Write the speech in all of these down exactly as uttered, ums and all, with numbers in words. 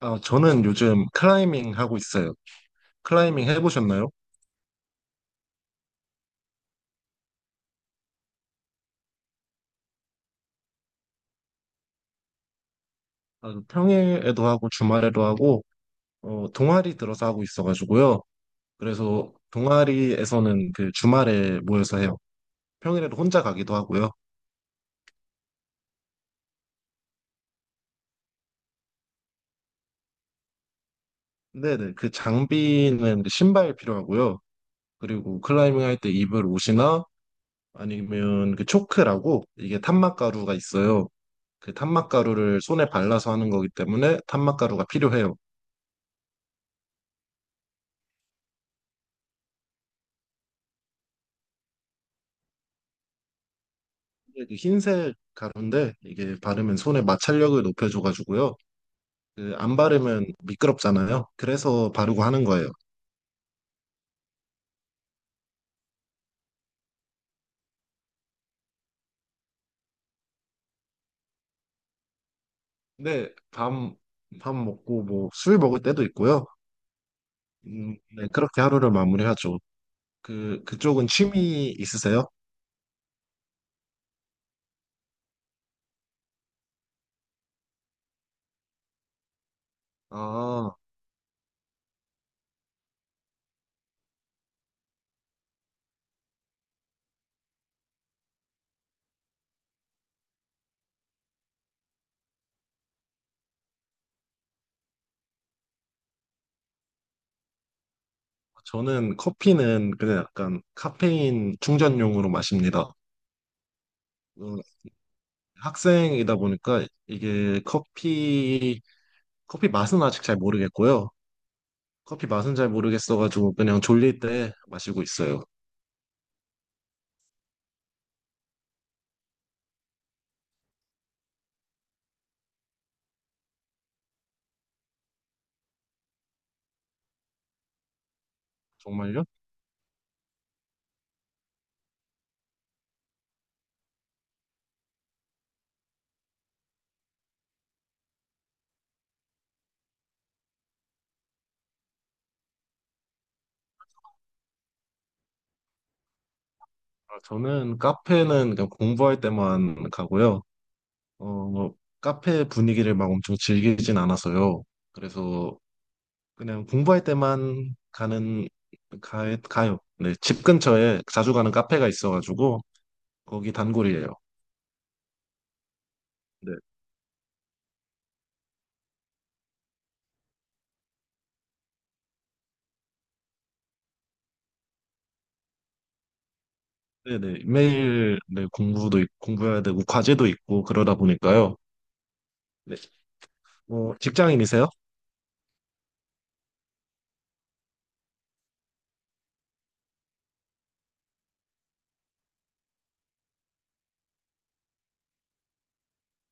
아, 저는 요즘 클라이밍 하고 있어요. 클라이밍 해보셨나요? 아, 평일에도 하고 주말에도 하고 어, 동아리 들어서 하고 있어가지고요. 그래서 동아리에서는 그 주말에 모여서 해요. 평일에도 혼자 가기도 하고요. 네네, 그 장비는 그 신발 필요하고요. 그리고 클라이밍 할 때 입을 옷이나 아니면 그 초크라고 이게 탄막가루가 있어요. 그 탄막가루를 손에 발라서 하는 거기 때문에 탄막가루가 필요해요. 그 흰색 가루인데 이게 바르면 손의 마찰력을 높여줘가지고요. 그 안 바르면 미끄럽잖아요. 그래서 바르고 하는 거예요. 근데 밤, 밥 먹고 뭐 술 먹을 때도 있고요. 음, 네, 그렇게 하루를 마무리하죠. 그, 그쪽은 취미 있으세요? 아, 저는 커피는 그냥 약간 카페인 충전용으로 마십니다. 어, 학생이다 보니까 이게 커피, 커피 맛은 아직 잘 모르겠고요. 커피 맛은 잘 모르겠어가지고 그냥 졸릴 때 마시고 있어요. 정말요? 아, 저는 카페는 그냥 공부할 때만 가고요. 어, 뭐, 카페 분위기를 막 엄청 즐기진 않아서요. 그래서 그냥 공부할 때만 가는 가, 가요. 네, 집 근처에 자주 가는 카페가 있어가지고 거기 단골이에요. 네, 네, 네. 매일 네, 공부도 있- 공부해야 되고 과제도 있고 그러다 보니까요. 네, 뭐 직장인이세요?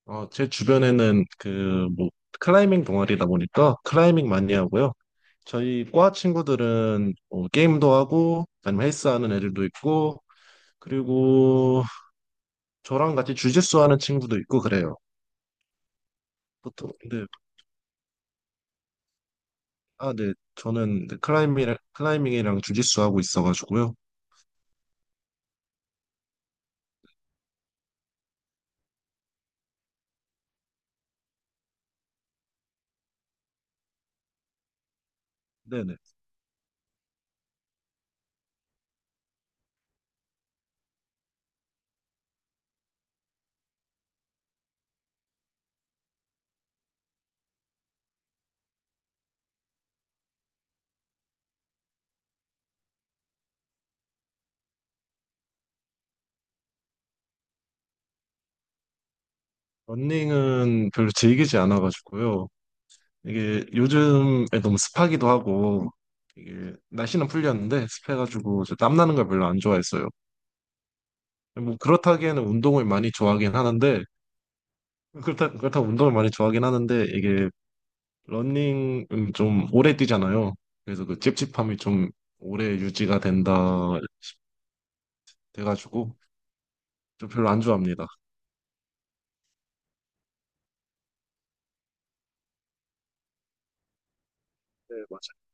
어, 제 주변에는 그, 뭐, 클라이밍 동아리다 보니까 클라이밍 많이 하고요. 저희 과 친구들은 뭐 게임도 하고, 아니면 헬스 하는 애들도 있고, 그리고 저랑 같이 주짓수 하는 친구도 있고 그래요. 보통, 근데, 아, 네. 저는 클라이밍, 클라이밍이랑 주짓수 하고 있어가지고요. 네네. 러닝은 별로 즐기지 않아가지고요. 이게 요즘에 너무 습하기도 하고, 이게 날씨는 풀렸는데 습해가지고 저 땀나는 걸 별로 안 좋아했어요. 뭐 그렇다기에는 운동을 많이 좋아하긴 하는데 그렇다 그렇다고 운동을 많이 좋아하긴 하는데 이게 러닝은 좀 오래 뛰잖아요. 그래서 그 찝찝함이 좀 오래 유지가 된다 돼가지고 좀 별로 안 좋아합니다. 네, 맞아요.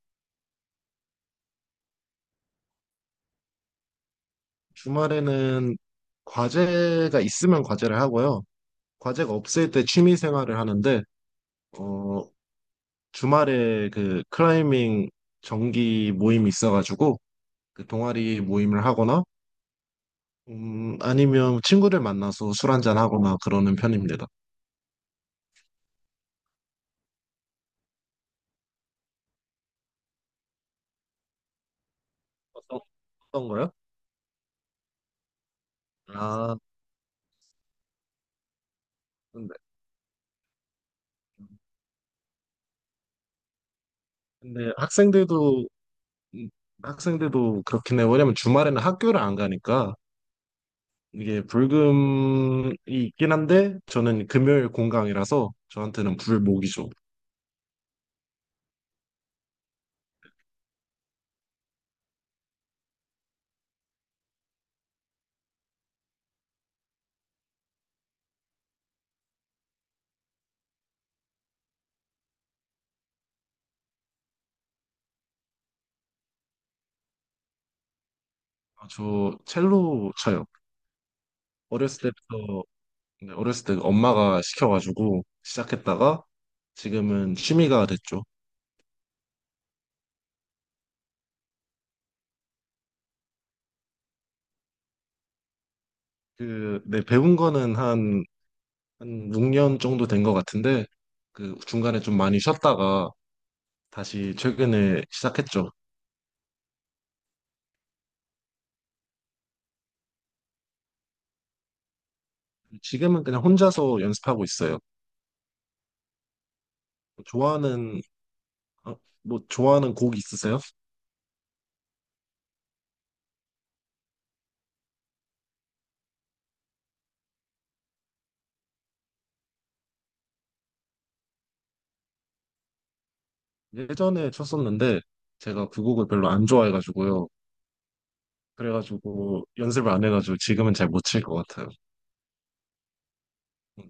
주말에는 과제가 있으면 과제를 하고요. 과제가 없을 때 취미 생활을 하는데 어 주말에 그 클라이밍 정기 모임이 있어가지고 그 동아리 모임을 하거나 음, 아니면 친구를 만나서 술 한잔 하거나 그러는 편입니다. 어떤, 어떤 거요? 아, 근데, 근데 학생들도, 음, 학생들도 그렇긴 해요. 왜냐면 주말에는 학교를 안 가니까 이게 불금이 있긴 한데 저는 금요일 공강이라서 저한테는 불목이죠. 아, 저 첼로 쳐요. 어렸을 때부터, 네, 어렸을 때 엄마가 시켜가지고 시작했다가 지금은 취미가 됐죠. 그, 네, 배운 거는 한 한 육 년 정도 된 것 같은데 그 중간에 좀 많이 쉬었다가 다시 최근에 시작했죠. 지금은 그냥 혼자서 연습하고 있어요. 좋아하는 어, 뭐 좋아하는 곡 있으세요? 예전에 쳤었는데 제가 그 곡을 별로 안 좋아해가지고요. 그래가지고 연습을 안 해가지고 지금은 잘 못 칠 것 같아요. 음,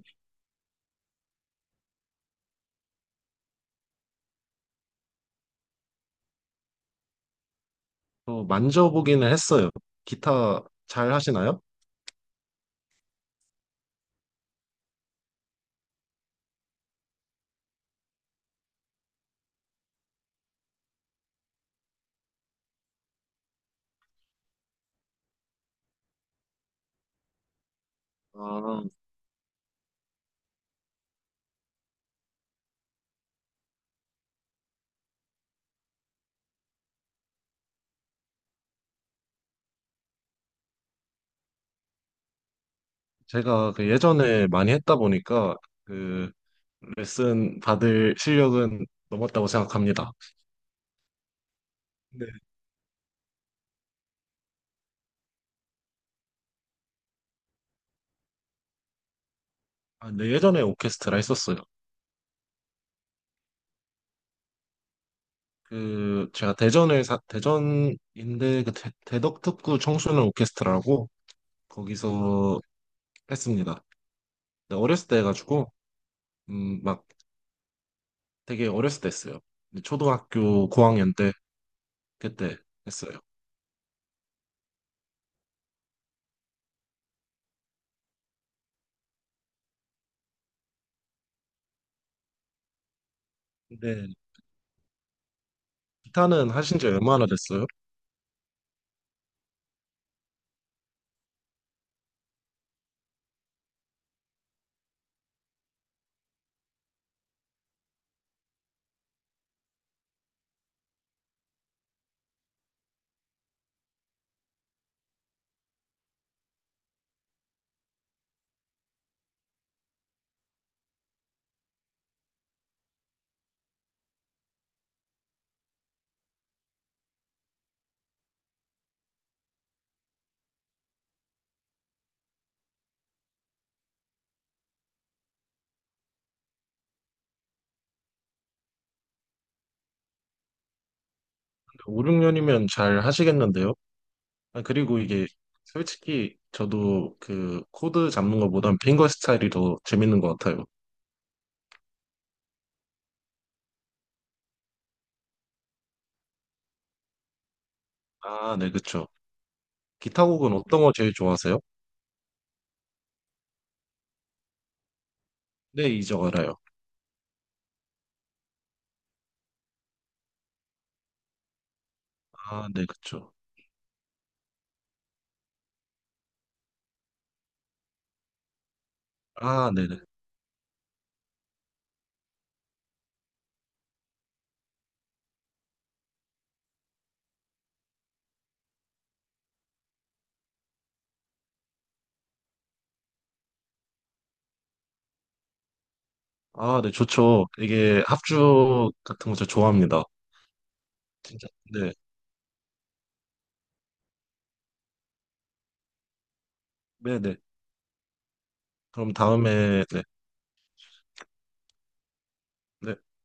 또 만져보기는 했어요. 기타 잘 하시나요? 아, 제가 그 예전에 많이 했다 보니까 그 레슨 받을 실력은 넘었다고 생각합니다. 네. 아, 네, 예전에 오케스트라 했었어요. 그 제가 대전에 사, 대전인데 그 대, 대덕특구 청소년 오케스트라라고 거기서 했습니다. 근데 어렸을 때 해가지고 음, 막 되게 어렸을 때 했어요. 근데 초등학교 고학년 때 그때 했어요. 근데 기타는 하신 지 얼마나 됐어요? 오, 육 년이면 잘 하시겠는데요? 아, 그리고 이게 솔직히 저도 그 코드 잡는 것보단 핑거 스타일이 더 재밌는 것 같아요. 아, 네, 그쵸. 기타 곡은 어떤 거 제일 좋아하세요? 네, 이적 알아요. 아, 네, 그쵸. 아, 네네. 아, 네, 좋죠. 이게 합주 같은 거 저 좋아합니다. 진짜. 네, 네네. 그럼 다음에, 네. 네.